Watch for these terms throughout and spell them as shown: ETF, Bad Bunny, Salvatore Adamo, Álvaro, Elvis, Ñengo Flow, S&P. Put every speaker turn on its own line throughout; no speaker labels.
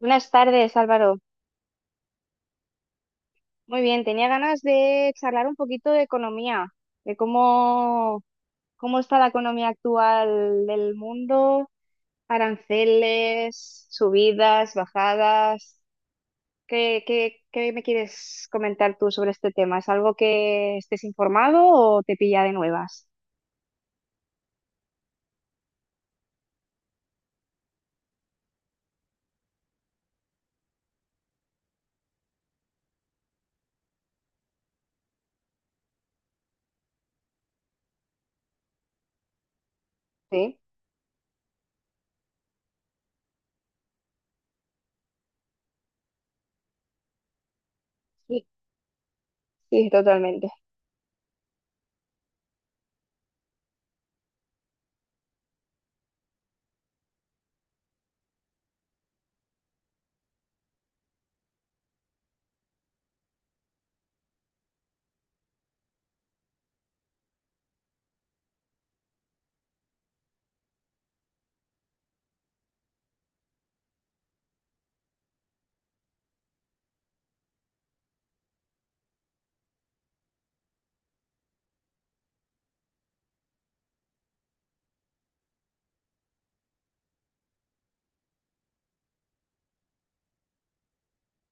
Buenas tardes, Álvaro. Muy bien, tenía ganas de charlar un poquito de economía, de cómo está la economía actual del mundo, aranceles, subidas, bajadas. ¿Qué me quieres comentar tú sobre este tema? ¿Es algo que estés informado o te pilla de nuevas? Sí, sí, sí, totalmente.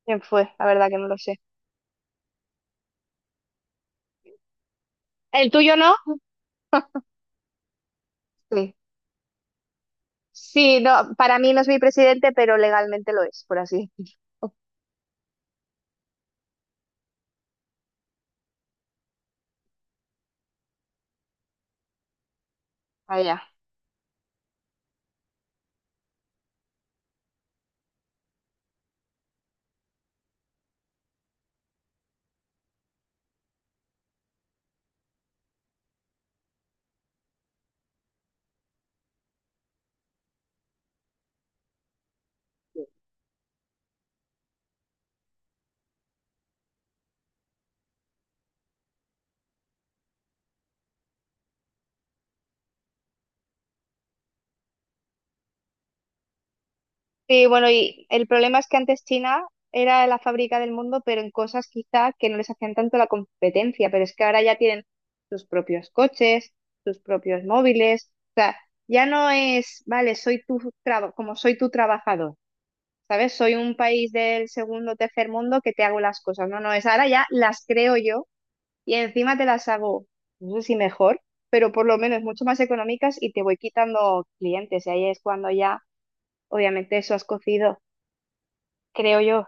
¿Quién fue? La verdad que no lo sé. ¿El tuyo no? Sí. Sí, no, para mí no es mi presidente, pero legalmente lo es, por así decirlo. Vaya. Sí, bueno, y el problema es que antes China era la fábrica del mundo, pero en cosas quizá que no les hacían tanto la competencia, pero es que ahora ya tienen sus propios coches, sus propios móviles, o sea, ya no es, vale, soy tu como soy tu trabajador, ¿sabes? Soy un país del segundo o tercer mundo que te hago las cosas, no, no, es ahora ya las creo yo y encima te las hago, no sé si mejor, pero por lo menos mucho más económicas y te voy quitando clientes y ahí es cuando ya, obviamente, eso has cocido creo yo.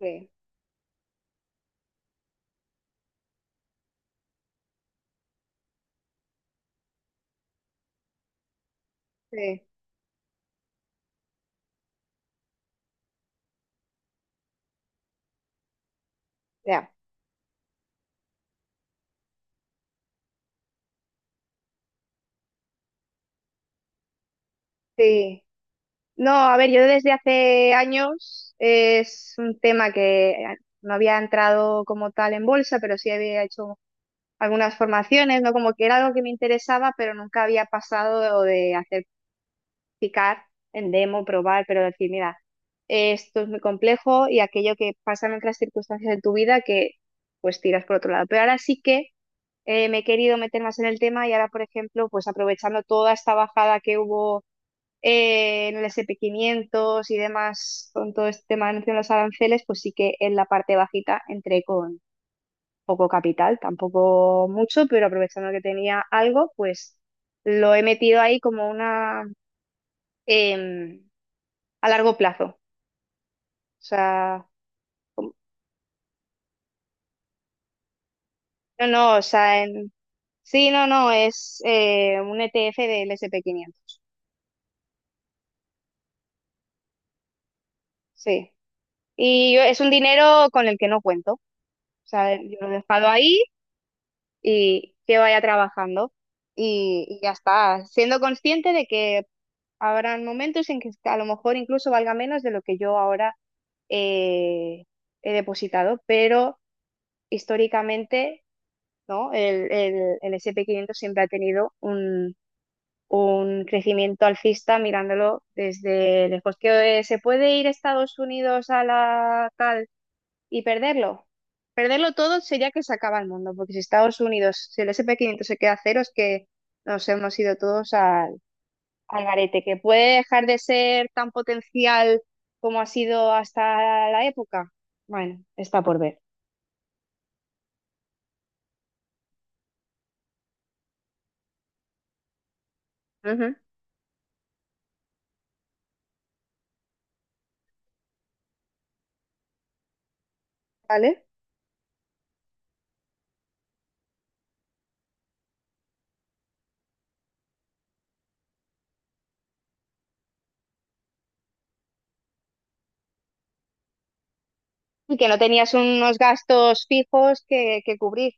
Sí, sí, ya, sí. No, a ver, yo desde hace años es un tema que no había entrado como tal en bolsa, pero sí había hecho algunas formaciones, ¿no? Como que era algo que me interesaba, pero nunca había pasado de hacer picar en demo, probar, pero decir, mira, esto es muy complejo y aquello que pasan otras circunstancias de tu vida que pues tiras por otro lado. Pero ahora sí que me he querido meter más en el tema y ahora, por ejemplo, pues aprovechando toda esta bajada que hubo en el S&P 500 y demás con todo este tema de anuncio de los aranceles, pues sí que en la parte bajita entré con poco capital, tampoco mucho, pero aprovechando que tenía algo, pues lo he metido ahí como una em, a largo plazo. O sea, como- no, no, o sea, sí, no, no, es un ETF del S&P 500. Sí. Es un dinero con el que no cuento. O sea, yo lo he dejado ahí y que vaya trabajando. Y ya está, siendo consciente de que habrán momentos en que a lo mejor incluso valga menos de lo que yo ahora eh, he depositado, pero históricamente, ¿no? El S&P 500 siempre ha tenido un crecimiento alcista mirándolo desde lejos. ¿Que se puede ir Estados Unidos a la tal? Y perderlo. Perderlo todo sería que se acaba el mundo, porque si Estados Unidos, si el S&P 500 se queda a cero, es que nos hemos ido todos al garete, que puede dejar de ser tan potencial como ha sido hasta la época. Bueno, está por ver. Ujú. ¿Vale? Y que no tenías unos gastos fijos que cubrir,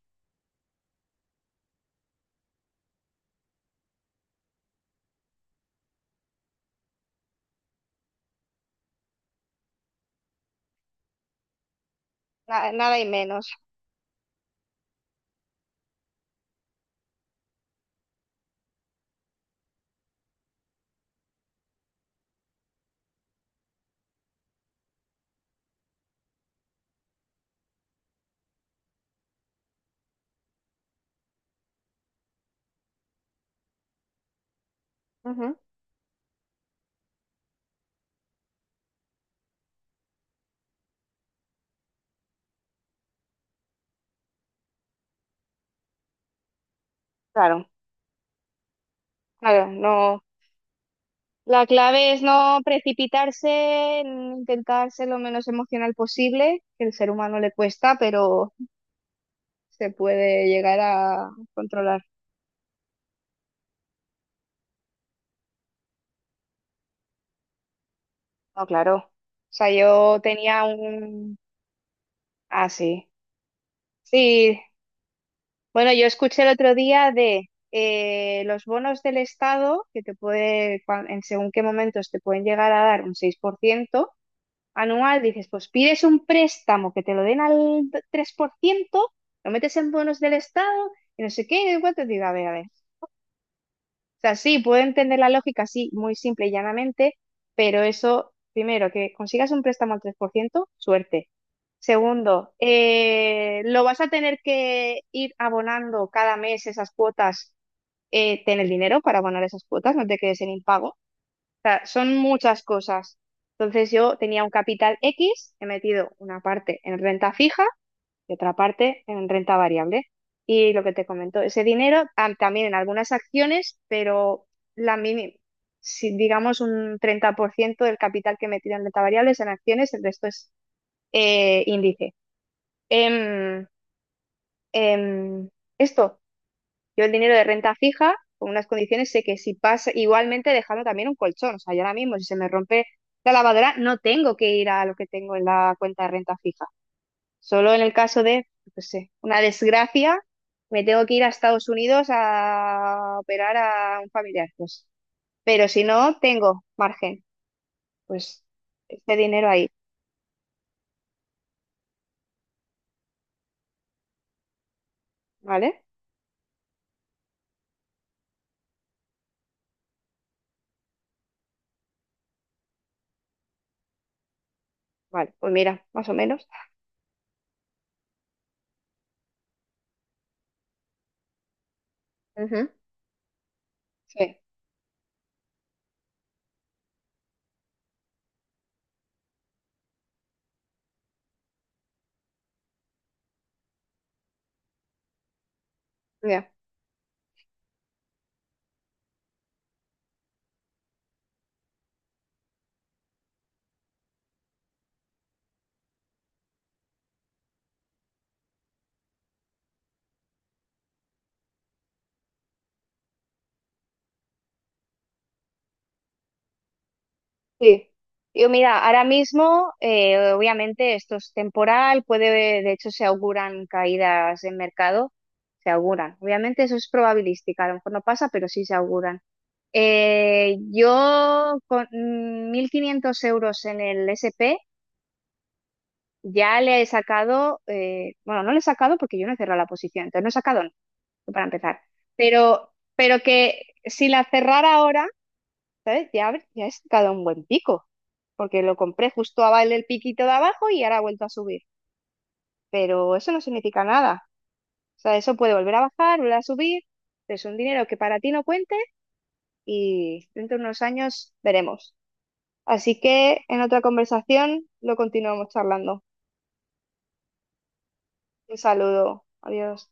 nada y menos. Ujú. Claro, claro, no. La clave es no precipitarse, en intentar ser lo menos emocional posible, que el ser humano le cuesta, pero se puede llegar a controlar. No, claro. O sea, yo tenía un. Ah, sí. Sí. Bueno, yo escuché el otro día de los bonos del Estado, que te puede, en según qué momentos te pueden llegar a dar un 6% anual, dices, pues pides un préstamo que te lo den al 3%, lo metes en bonos del Estado y no sé qué, y no cuánto, digo, a ver, a ver. O sea, sí, puedo entender la lógica así, muy simple y llanamente, pero eso, primero, que consigas un préstamo al 3%, suerte. Segundo, lo vas a tener que ir abonando cada mes esas cuotas, ten el dinero para abonar esas cuotas, no te quedes en impago sea, son muchas cosas. Entonces yo tenía un capital X, he metido una parte en renta fija y otra parte en renta variable. Y lo que te comento, ese dinero también en algunas acciones, pero la mini- si digamos un 30% del capital que he metido en renta variable es en acciones, el resto es índice. Em, em, esto yo el dinero de renta fija, con unas condiciones, sé que si pasa, igualmente dejando también un colchón. O sea, yo ahora mismo, si se me rompe la lavadora, no tengo que ir a lo que tengo en la cuenta de renta fija. Solo en el caso de, no sé, una desgracia, me tengo que ir a Estados Unidos a operar a un familiar. Pues. Pero si no, tengo margen. Pues este dinero ahí, ¿vale? Vale, pues mira, más o menos. Ujú. Sí, ya. Sí, yo mira, ahora mismo obviamente esto es temporal, puede, de hecho se auguran caídas en mercado, se auguran. Obviamente eso es probabilística, a lo mejor no pasa, pero sí se auguran. Yo con 1.500 euros en el SP ya le he sacado, bueno, no le he sacado porque yo no he cerrado la posición, entonces no he sacado, no, para empezar, pero que si la cerrara ahora, ¿sabes? Ya, ya he sacado un buen pico, porque lo compré justo abajo el piquito de abajo y ahora ha vuelto a subir. Pero eso no significa nada. O sea, eso puede volver a bajar, volver a subir. Es un dinero que para ti no cuente y dentro de unos años veremos. Así que en otra conversación lo continuamos charlando. Un saludo. Adiós.